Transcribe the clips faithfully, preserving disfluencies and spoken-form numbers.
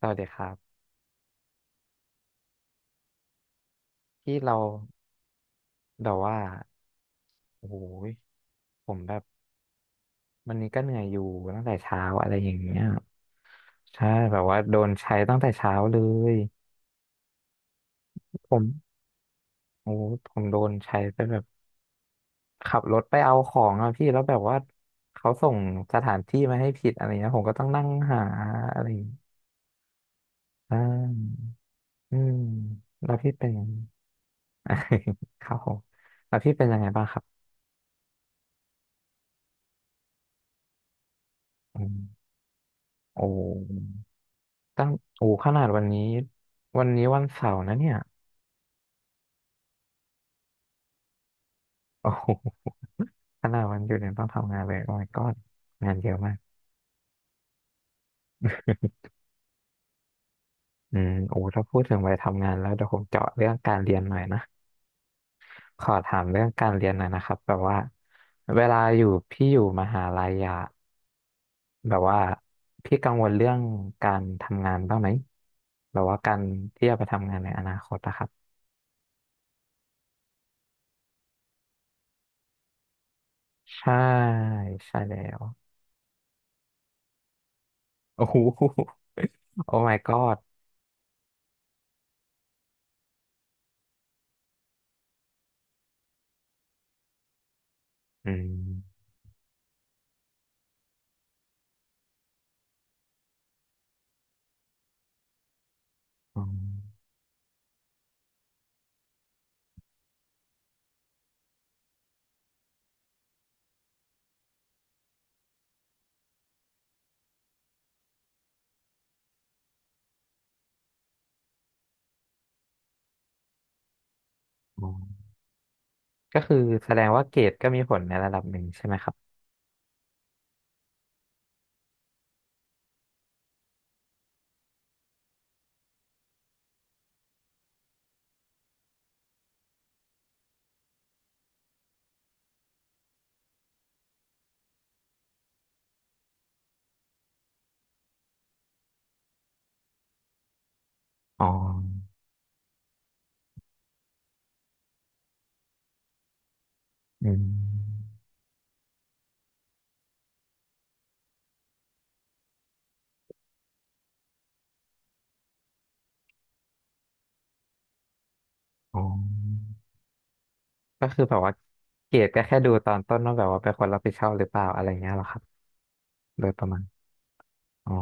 สวัสดีครับที่เราแบบว่าโอ้โหยผมแบบวันนี้ก็เหนื่อยอยู่ตั้งแต่เช้าอะไรอย่างเงี้ยใช่แบบว่าโดนใช้ตั้งแต่เช้าเลยผมโอ้โหผมโดนใช้ไปแบบขับรถไปเอาของอะพี่แล้วแบบว่าเขาส่งสถานที่มาให้ผิดอะไรเงี้ยผมก็ต้องนั่งหาอะไรอย่างเงี้ยอ่าอืมแล้วพี่เป็น ยังไง ครับผมแล้วพี่เป็นยังไงบ้างครับอืมโอ้ ตั้งโอ้ขนาดวันนี้วันนี้วันเสาร์นะเนี่ยโอ้ โหขนาดวันหยุดเนี่ยต้องทำงานเลยโอ้ my god งานเยอะมากอืมโอ้ถ้าพูดถึงวัยทำงานแล้วเดี๋ยวผมเจาะเรื่องการเรียนหน่อยนะขอถามเรื่องการเรียนหน่อยนะครับแบบว่าเวลาอยู่พี่อยู่มหาลัยอะแบบว่าพี่กังวลเรื่องการทำงานบ้างไหมแบบว่าการที่จะไปทำงานในอนาคตนะครับใช่ใช่แล้วโอ้โห โอ้ my god อืม อ๋อก็คือแสดงว่าเกรดก็มีผลในระดับหนึ่งใช่ไหมครับอ๋ออืมอ๋อก็คือแบบว่าเกรดก็แค่ดูตอนต้นว่าแบบว่าเป็นคนรับผิดชอบหรือเปล่าอะไรเงี้ยเหรอครับโดยประมาณอ๋อ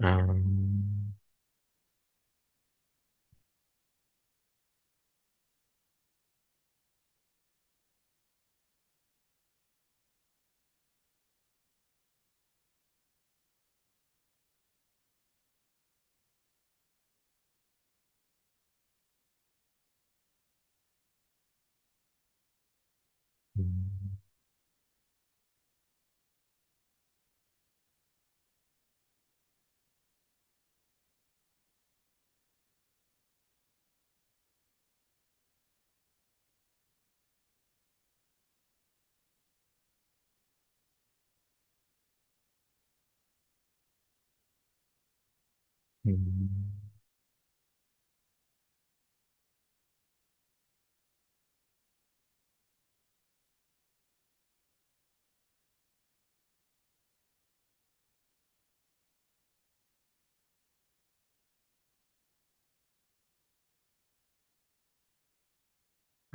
อ่าอืมอืม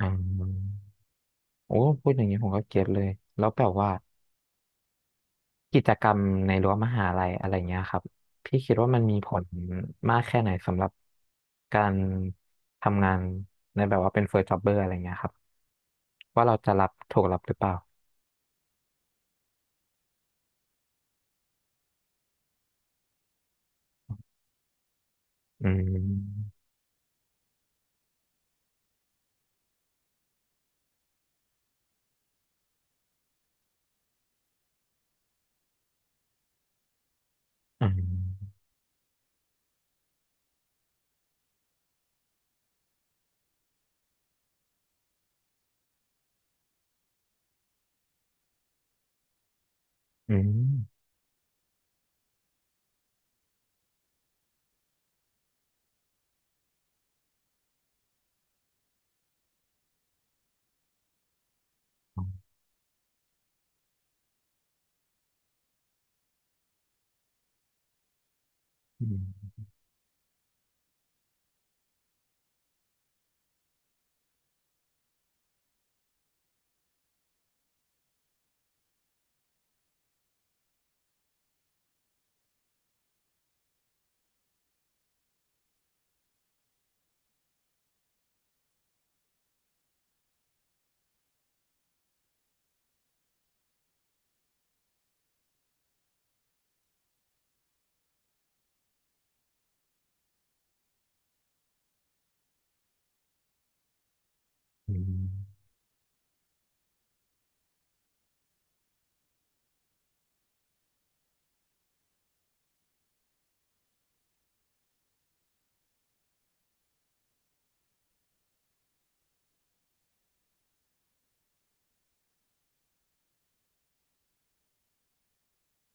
อ่าโอ้พูดอย่างนี้ผมก็เก็ตเลยแล้วแบบว่า กิจกรรมในรั้วมหาลัยอะไรเงี้ยครับพี่คิดว่ามันมีผลมากแค่ไหนสำหรับการทำงานในแบบว่าเป็นเฟิร์สจ็อบเบอร์อะไรเงี้ยครับว่าเราจะรับถูกรับหรือเปล่าอืมอืมอืมอืมอืมอืม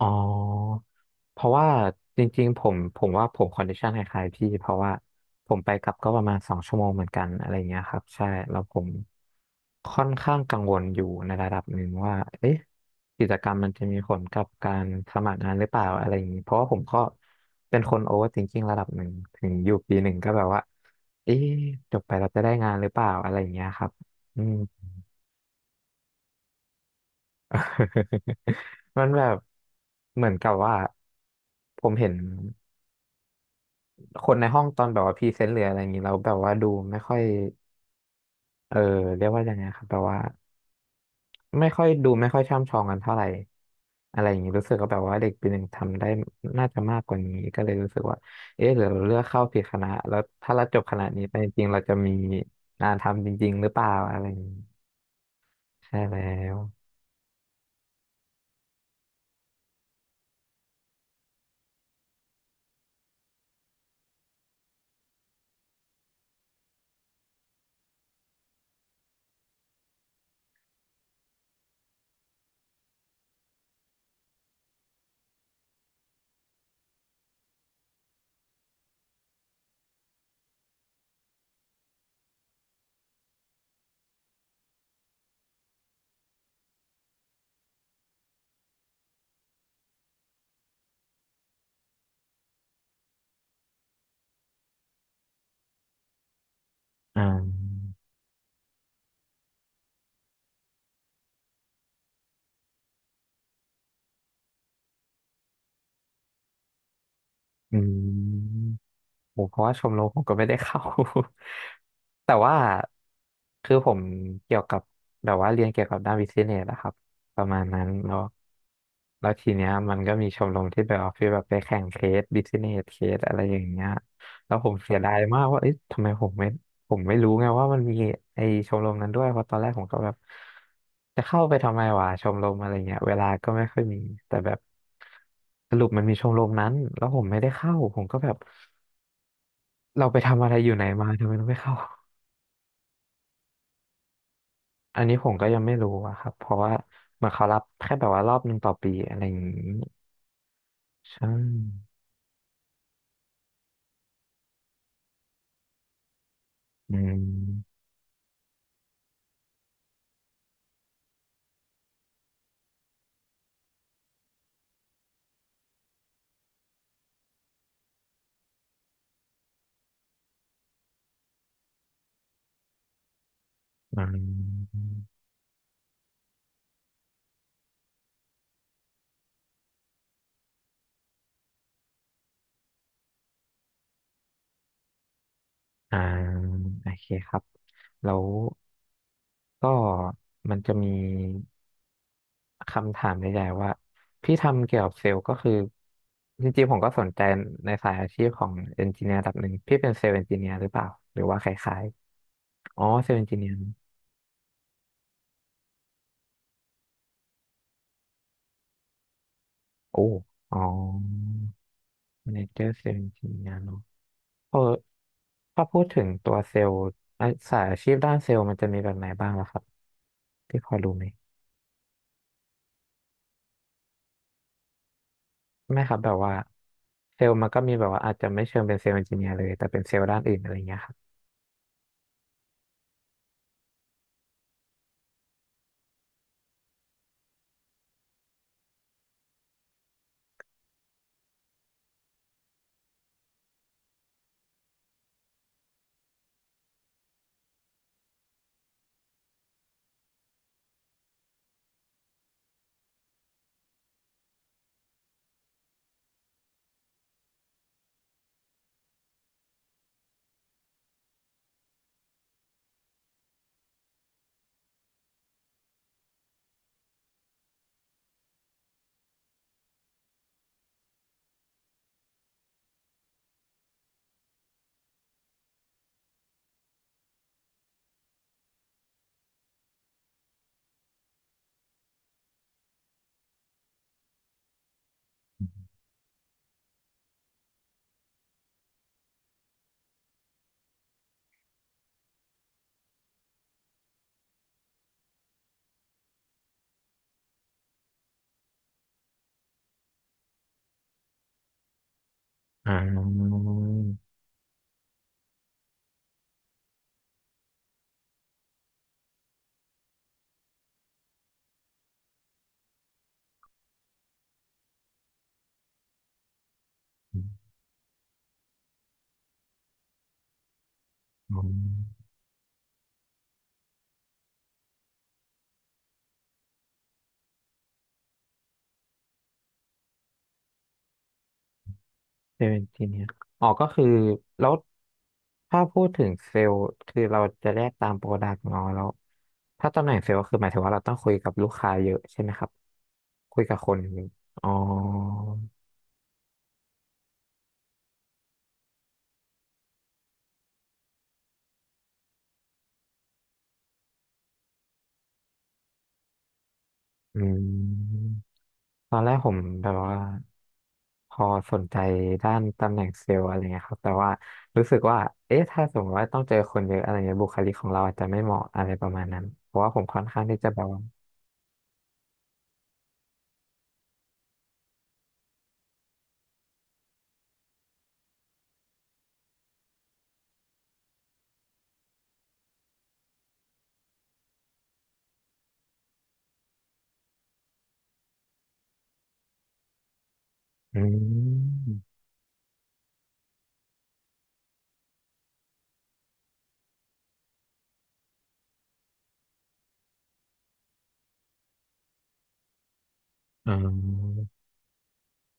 อ๋อเพราะว่าจริงๆผมผมว่าผมคอนดิชันคล้ายๆพี่เพราะว่าผมไปกลับก็ประมาณสองชั่วโมงเหมือนกันอะไรเงี้ยครับใช่แล้วผมค่อนข้างกังวลอยู่ในระดับหนึ่งว่าเอ๊ะกิจกรรมมันจะมีผลกับการสมัครงานหรือเปล่าอะไรอย่างนี้เพราะว่าผมก็เป็นคนโอเวอร์ i ิงกิ้งระดับหนึ่งถึงอยู่ปีหนึ่งก็แบบว่าเอ๊ะจบไปเราจะได้งานหรือเปล่าอะไรอย่างเงี้ยครับอืม มันแบบเหมือนกับว่าผมเห็นคนในห้องตอนแบบว่าพรีเซนต์หรืออะไรอย่างนี้แล้วแบบว่าดูไม่ค่อยเออเรียกว่ายังไงครับแบบว่าไม่ค่อยดูไม่ค่อยช่ำชองกันเท่าไหร่อะไรอย่างนี้รู้สึกว่าแบบว่าเด็กปีหนึ่งทำได้น่าจะมากกว่านี้ก็เลยรู้สึกว่าเอ๊ะหรือเราเลือกเข้าผิดคณะแล้วถ้าเราจบคณะนี้ไปจริงๆเราจะมีงานทำจริงๆหรือเปล่าอะไรอย่างนี้ใช่แล้วอ่าอืม ผมเพราะว่าชมรมผมก็ไม่ได้เข้า แต่ว่าคือผมเกี่ยวกับแบบว่าเรียนเกี่ยวกับด้านบิสเนสนะครับประมาณนั้นแล้วแล้วทีเนี้ยมันก็มีชมรมที่แบบว่าฟีลแบบไปแข่งเคสบิสเนสเคสอะไรอย่างเงี้ยแล้วผมเสียดายมากว่าเอ๊ะทำไมผมไม่ผมไม่รู้ไงว่ามันมีไอชมรมนั้นด้วยเพราะตอนแรกผมก็แบบจะเข้าไปทำไมวะชมรมอะไรเงี้ยเวลาก็ไม่ค่อยมีแต่แบบสรุปมันมีชมรมนั้นแล้วผมไม่ได้เข้าผมก็แบบ เราไปทำอะไรอยู่ไหนมาทำไมเราไม่เข้า อันนี้ผมก็ยังไม่รู้อะครับ เพราะว่าเหมือนเขารับแค่แบบว่ารอบหนึ่งต่อปีอะไรอย่างนี้ใช่ อืมอืมอ่าโอเคครับ แล้วก็มันจะมีคำถามใหญ่ๆว่าพี่ทำเกี่ยวกับเซลล์ก็คือจริงๆผมก็สนใจในสายอาชีพของเอนจิเนียร์ระดับหนึ่งพี่เป็นเซลล์เอนจิเนียร์หรือเปล่าหรือว่าคล้ายๆอ๋อเซลล์เอนจิเนียร์โอ้อ๋อ แมเนเจอร์เซลล์ทีมงานเนาะเออถ้าพูดถึงตัวเซลล์อ่ะสายอาชีพด้านเซลล์มันจะมีแบบไหนบ้างล่ะครับที่พอรู้ไหมไม่ครับแบบว่าเซลล์มันก็มีแบบว่าอาจจะไม่เชิงเป็นเซลล์เอนจิเนียร์เลยแต่เป็นเซลล์ด้านอื่นอะไรเงี้ยครับอ่าอืมอืมเซลล์เอนจิเนียร์อ๋อก็คือแล้วถ้าพูดถึงเซลล์คือเราจะแยกตามโปรดักต์เนาะแล้วถ้าตำแหน่งเซลล์ก็คือหมายถึงว่าเราต้องคุยกับลูกค้าเยอะใช่ไหมครับคุยกับคนอ๋อ อืมตอนแรกผมแบบว่าพอสนใจด้านตำแหน่งเซลล์อะไรเงี้ยครับแต่ว่ารู้สึกว่าเอ๊ะถ้าสมมติว่าต้องเจอคนเยอะอะไรเงี้ยบุคลิกของเราอาจจะไม่เหมาะอะไรประมาณนั้นเพราะว่าผมค่อนข้างที่จะแบบว่าอืมอ๋อ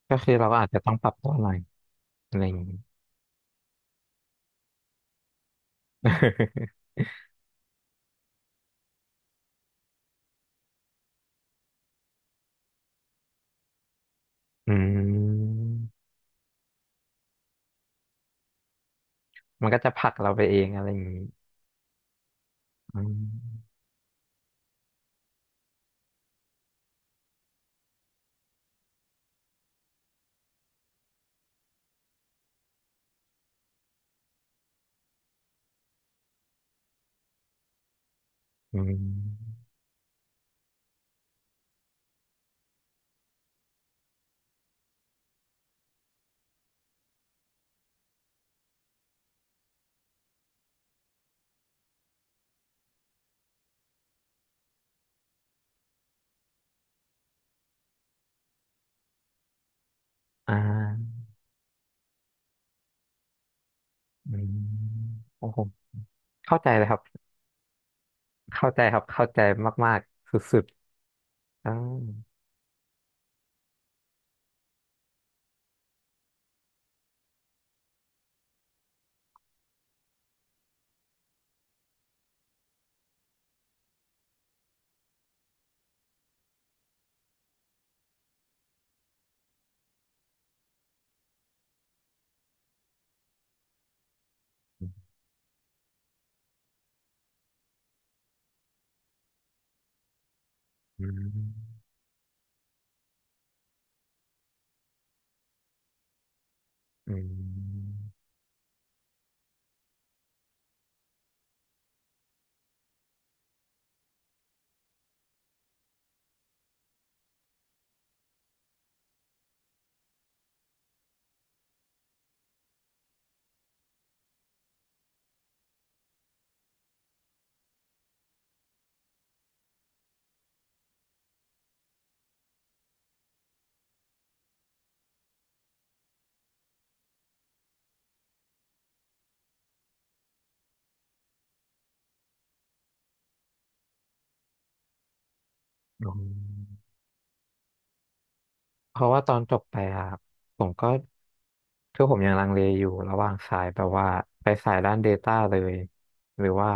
ก็คือเราก็อาจจะต้องปรับตัวหน่อยอะไรอย่างงี้ อืมมันก็จะผลักเราไปเองอะไรอย่างงี้อืมอืมอ่าอืมโอ้โหเข้าใจเลยครับ เข้าใจครับเข้าใจมากๆสุดๆอ่าอืมอืมอืมเพราะว่าตอนจบไปอะครับผมก็คือผมยังลังเลอยู่ระหว่างสายแบบว่าไปสายด้าน Data เลย หรือว่า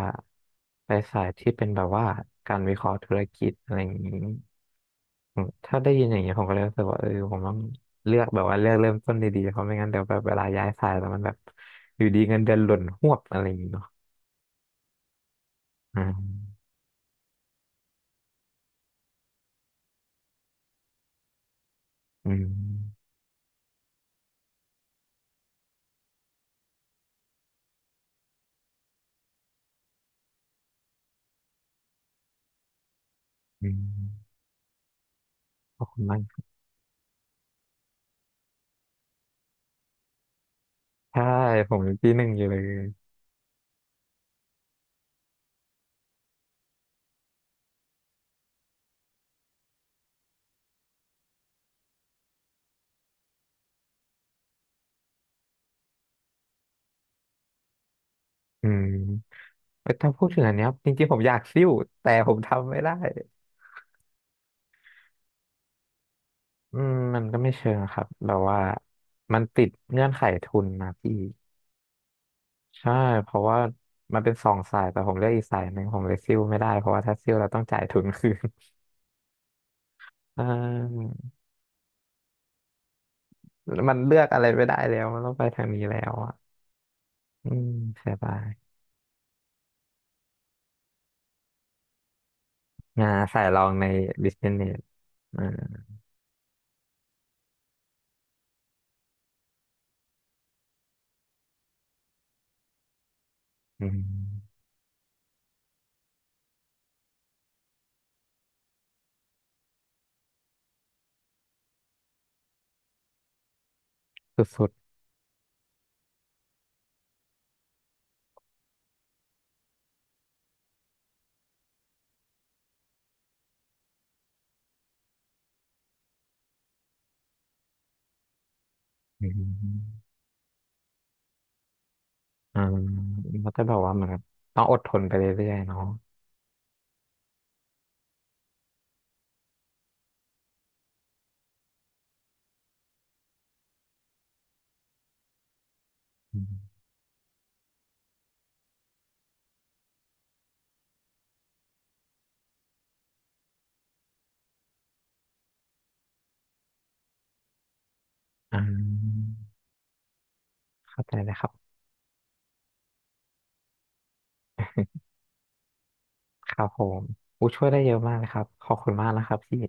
ไปสายที่เป็นแบบว่าการวิเคราะห์ธุรกิจอะไรอย่างนี้อืมถ้าได้ยินอย่างนี้ผมก็เลยรู้สึกว่าเออผมต้องเลือกแบบว่าเลือกเริ่มต้นดีๆเพราะไม่งั้นเดี๋ยวแบบเวลาย้ายสายแล้วมันแบบอยู่ดีเงินเดือนหล่นหวบอะไรอย่างนี้เนาะอ่าอืม อืมขอบคุณมากใช่ผมยังปีหนึ่งอยู่เลยอืมแต่ถ้าพูดถึงอันเนี้ยจริงๆผมอยากซิ่วแต่ผมทำไม่ได้อืมมันก็ไม่เชิงครับแบบว่ามันติดเงื่อนไขทุนนะพี่ใช่เพราะว่ามันเป็นสองสายแต่ผมเลือกอีกสายหนึ่งผมเลยซิ่วไม่ได้เพราะว่าถ้าซิ่วเราต้องจ่ายทุนคืน อ่ามันเลือกอะไรไม่ได้แล้วมันต้องไปทางนี้แล้วอ่ะอืมเสียดายงานสายรองในบิสเนสอ่าอืมสุดๆอืม อ่าเขาจะบอกว่าเหมือนกับต้องอดทนไปเรื่อยๆเนาะอืมอ่าเข้าใจนะครับครับผมอู้ช่วยได้เยอะมากเลยครับขอบคุณมากนะครับพี่